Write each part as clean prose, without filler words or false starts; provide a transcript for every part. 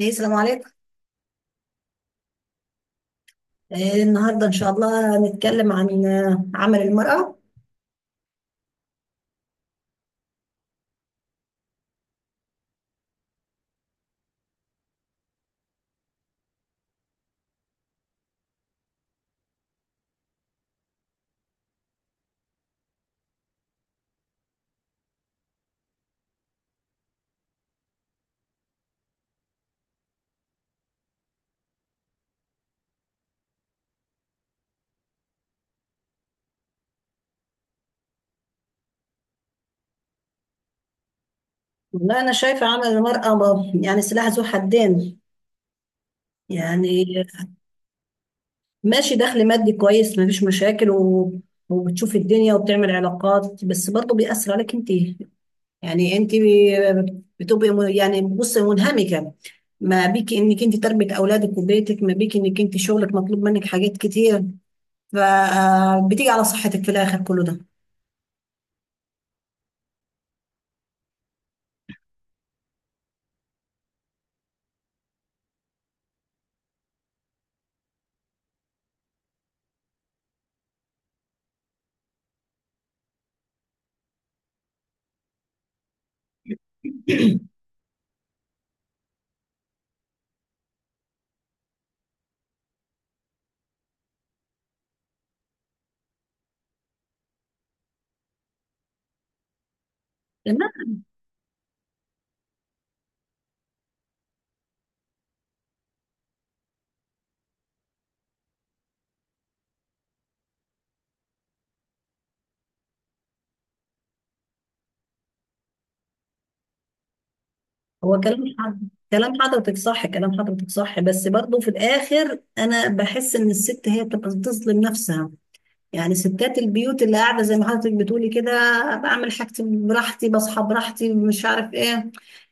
ايه السلام عليكم. إيه النهارده ان شاء الله هنتكلم عن عمل المرأة. والله انا شايفة عمل المرأة يعني سلاح ذو حدين. يعني ماشي، دخل مادي كويس، مفيش مشاكل وبتشوف الدنيا وبتعمل علاقات، بس برضه بيأثر عليك انت. يعني انت بتبقي يعني بصي منهمكة ما بيك انك انت تربية اولادك وبيتك، ما بيك انك انت شغلك مطلوب منك حاجات كتير، فبتيجي على صحتك في الاخر كله. ده هو كلام حضرتك، صح، كلام حضرتك صح، بس برضه في الآخر أنا بحس إن الست هي بتبقى بتظلم نفسها. يعني ستات البيوت اللي قاعدة زي ما حضرتك بتقولي كده بعمل حاجتي براحتي، بصحى براحتي، مش عارف إيه.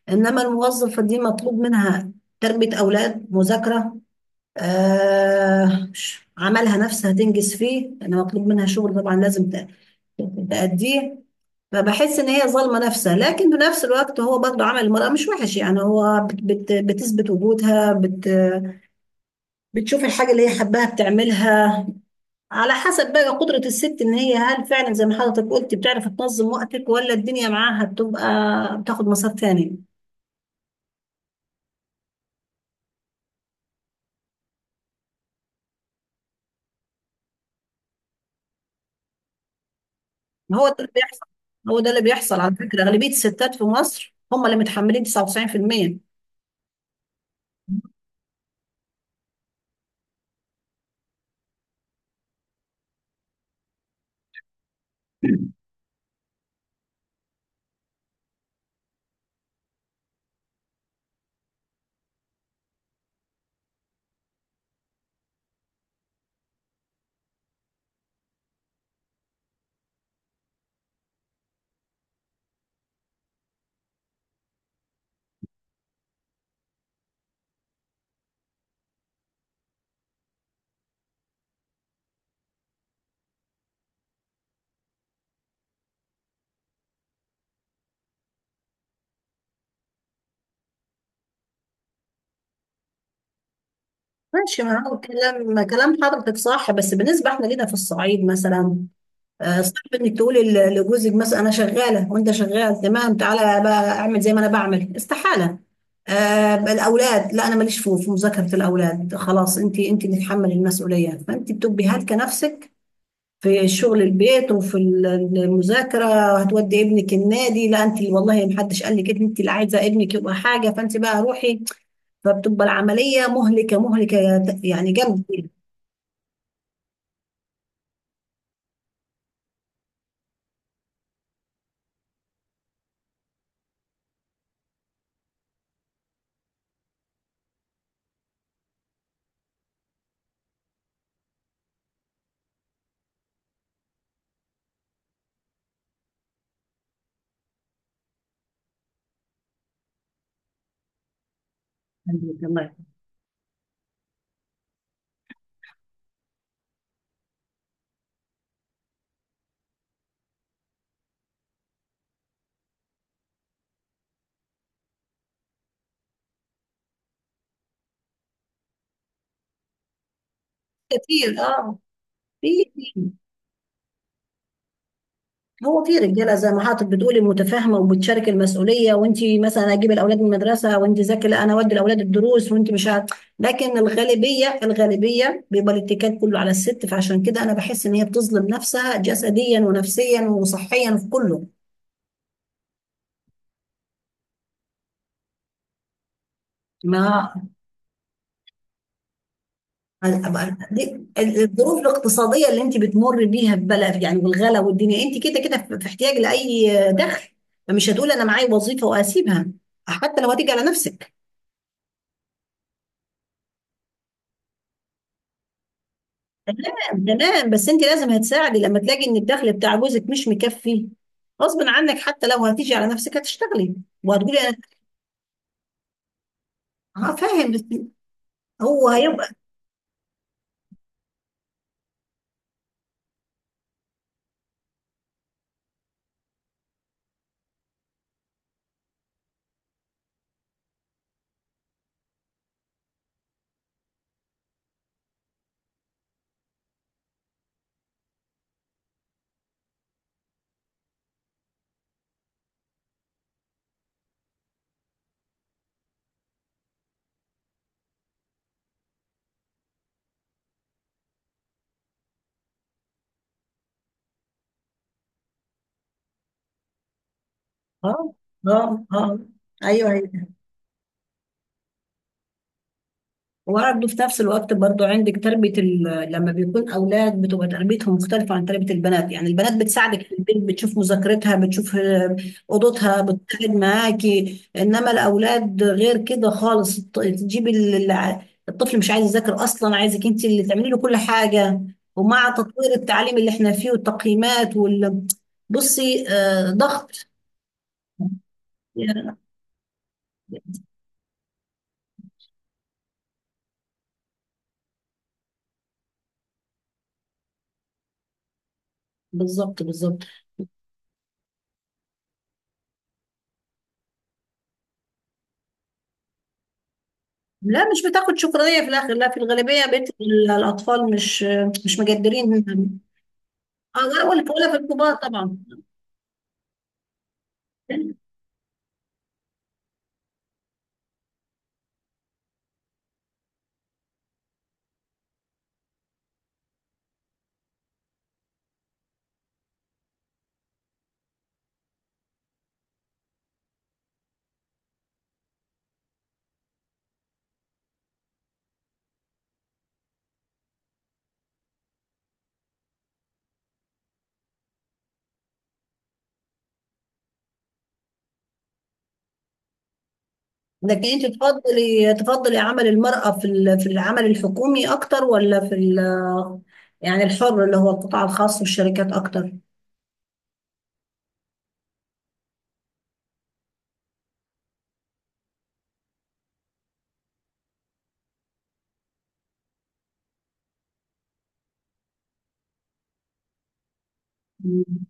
إنما الموظفة دي مطلوب منها تربية أولاد، مذاكرة، آه، عملها نفسها تنجز فيه، أنا مطلوب منها شغل، طبعا لازم تأديه. أنا بحس ان هي ظالمه نفسها، لكن في نفس الوقت هو برضه عمل المراه مش وحش. يعني هو بت بتثبت وجودها، بتشوف الحاجه اللي هي حباها بتعملها. على حسب بقى قدره الست، ان هي هل فعلا زي ما حضرتك قلت بتعرف تنظم وقتك، ولا الدنيا معاها بتبقى بتاخد مسار تاني. هو ده اللي بيحصل. هو ده اللي بيحصل، على فكره اغلبيه الستات في مصر هم اللي متحملين 99%. ماشي، ما هو كلام حضرتك صح، بس بالنسبه احنا لينا في الصعيد مثلا صعب انك تقولي لجوزك مثلا انا شغاله وانت شغال، تمام تعالى بقى اعمل زي ما انا بعمل، استحاله. آه الاولاد لا، انا ماليش في مذاكره الاولاد، خلاص انت، اللي تتحملي المسؤوليه، فانت بتبقي هالكه نفسك في شغل البيت، وفي المذاكره، وهتودي ابنك النادي، لا انت والله محدش قال لك، انت اللي عايزه ابنك يبقى حاجه، فانت بقى روحي. فبتبقى العمليه مهلكه مهلكه، يعني جامد كتير. الله يرحمه. كتير، اه، في. هو في رجاله زي ما حضرتك بتقولي متفاهمه وبتشارك المسؤوليه، وانت مثلا اجيب الاولاد من المدرسه وانت ذاكري، لا انا اودي الاولاد الدروس وانت مش عارف. لكن الغالبيه، الغالبيه، بيبقى الاتكال كله على الست، فعشان كده انا بحس ان هي بتظلم نفسها جسديا ونفسيا وصحيا في كله. ما الظروف الاقتصاديه اللي انت بتمر بيها في بلد يعني، والغلا والدنيا، انت كده كده في احتياج لاي دخل، فمش هتقول انا معايا وظيفه واسيبها، حتى لو هتيجي على نفسك. تمام، تمام، بس انت لازم هتساعدي لما تلاقي ان الدخل بتاع جوزك مش مكفي، غصب عنك حتى لو هتيجي على نفسك هتشتغلي وهتقولي. انا اه فاهم بس هو هيبقى. اه، اه، اه، ايوه، أيوه. وبرضه في نفس الوقت برضه عندك تربية لما بيكون أولاد بتبقى تربيتهم مختلفة عن تربية البنات. يعني البنات بتساعدك في البيت، بتشوف مذاكرتها، بتشوف أوضتها، بتقعد معاكي. إنما الأولاد غير كده خالص، تجيب الطفل مش عايز يذاكر أصلا، عايزك أنت اللي تعملي له كل حاجة. ومع تطوير التعليم اللي احنا فيه والتقييمات وال، بصي ضغط. بالظبط بالظبط. لا مش بتاخد شكرانية في الآخر، لا في الغالبية بيت الأطفال مش، مش مجدرين. لا، ولا ولا في الكبار طبعا. لكن أنت تفضلي، عمل المرأة في في العمل الحكومي أكتر، ولا في يعني الحر اللي هو القطاع الخاص والشركات أكتر؟ مم.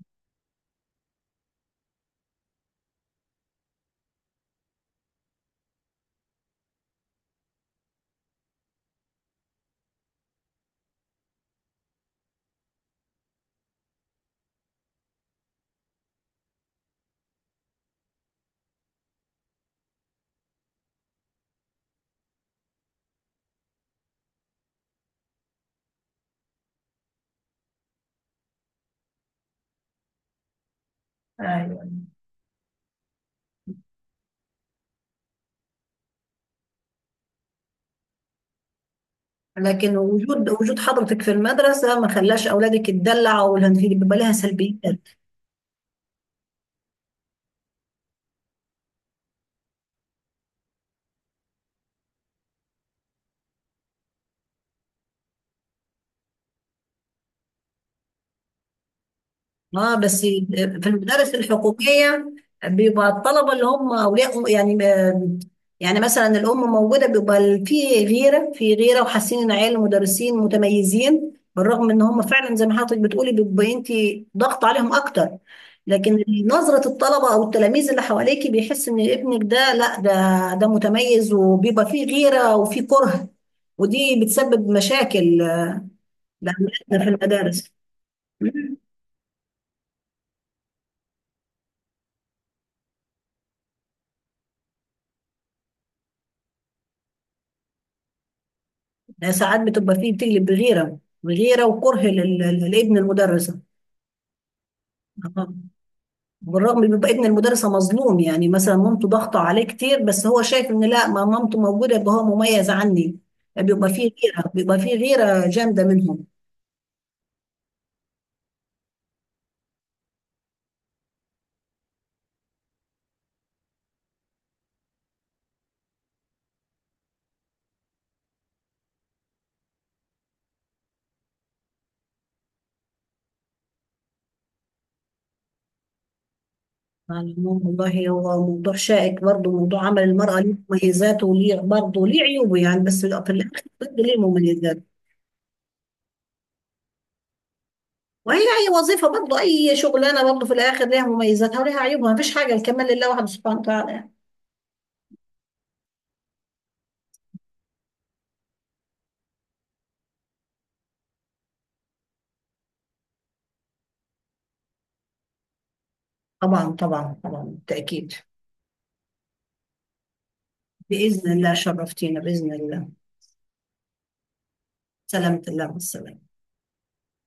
ايوه. لكن وجود، حضرتك في المدرسة ما خلاش أولادك تدلع، ولا بيبقى لها سلبيات؟ اه بس في المدارس الحقوقيه بيبقى الطلبه اللي هم اولياء يعني يعني مثلا الام موجوده، بيبقى في غيره، وحاسين ان عيال المدرسين متميزين، بالرغم ان هم فعلا زي ما حضرتك بتقولي بيبقى انت ضغط عليهم اكتر. لكن نظره الطلبه او التلاميذ اللي حواليكي بيحس ان ابنك ده، لا ده، متميز، وبيبقى فيه غيره وفيه كره، ودي بتسبب مشاكل لأولادنا في المدارس. ده ساعات بتبقى فيه، بتقلب بغيرة، وكره لابن المدرسة. آه. بالرغم بيبقى ابن المدرسة مظلوم، يعني مثلا مامته ضاغطة عليه كتير، بس هو شايف ان لا، ما مامته موجودة يبقى هو مميز عني. بيبقى فيه غيرة، جامدة منهم. على العموم والله هو موضوع شائك برضه، موضوع عمل المرأة ليه مميزاته وليه برضه ليه عيوبه، يعني بس في الآخر برضه ليه مميزات. وهي أي وظيفة برضه، أي شغلانة برضه في الآخر ليها مميزاتها وليها عيوبها، مفيش حاجة، الكمال لله وحده سبحانه وتعالى. طبعا طبعا طبعا بالتأكيد. بإذن الله شرفتينا بإذن الله. سلامة الله والسلام.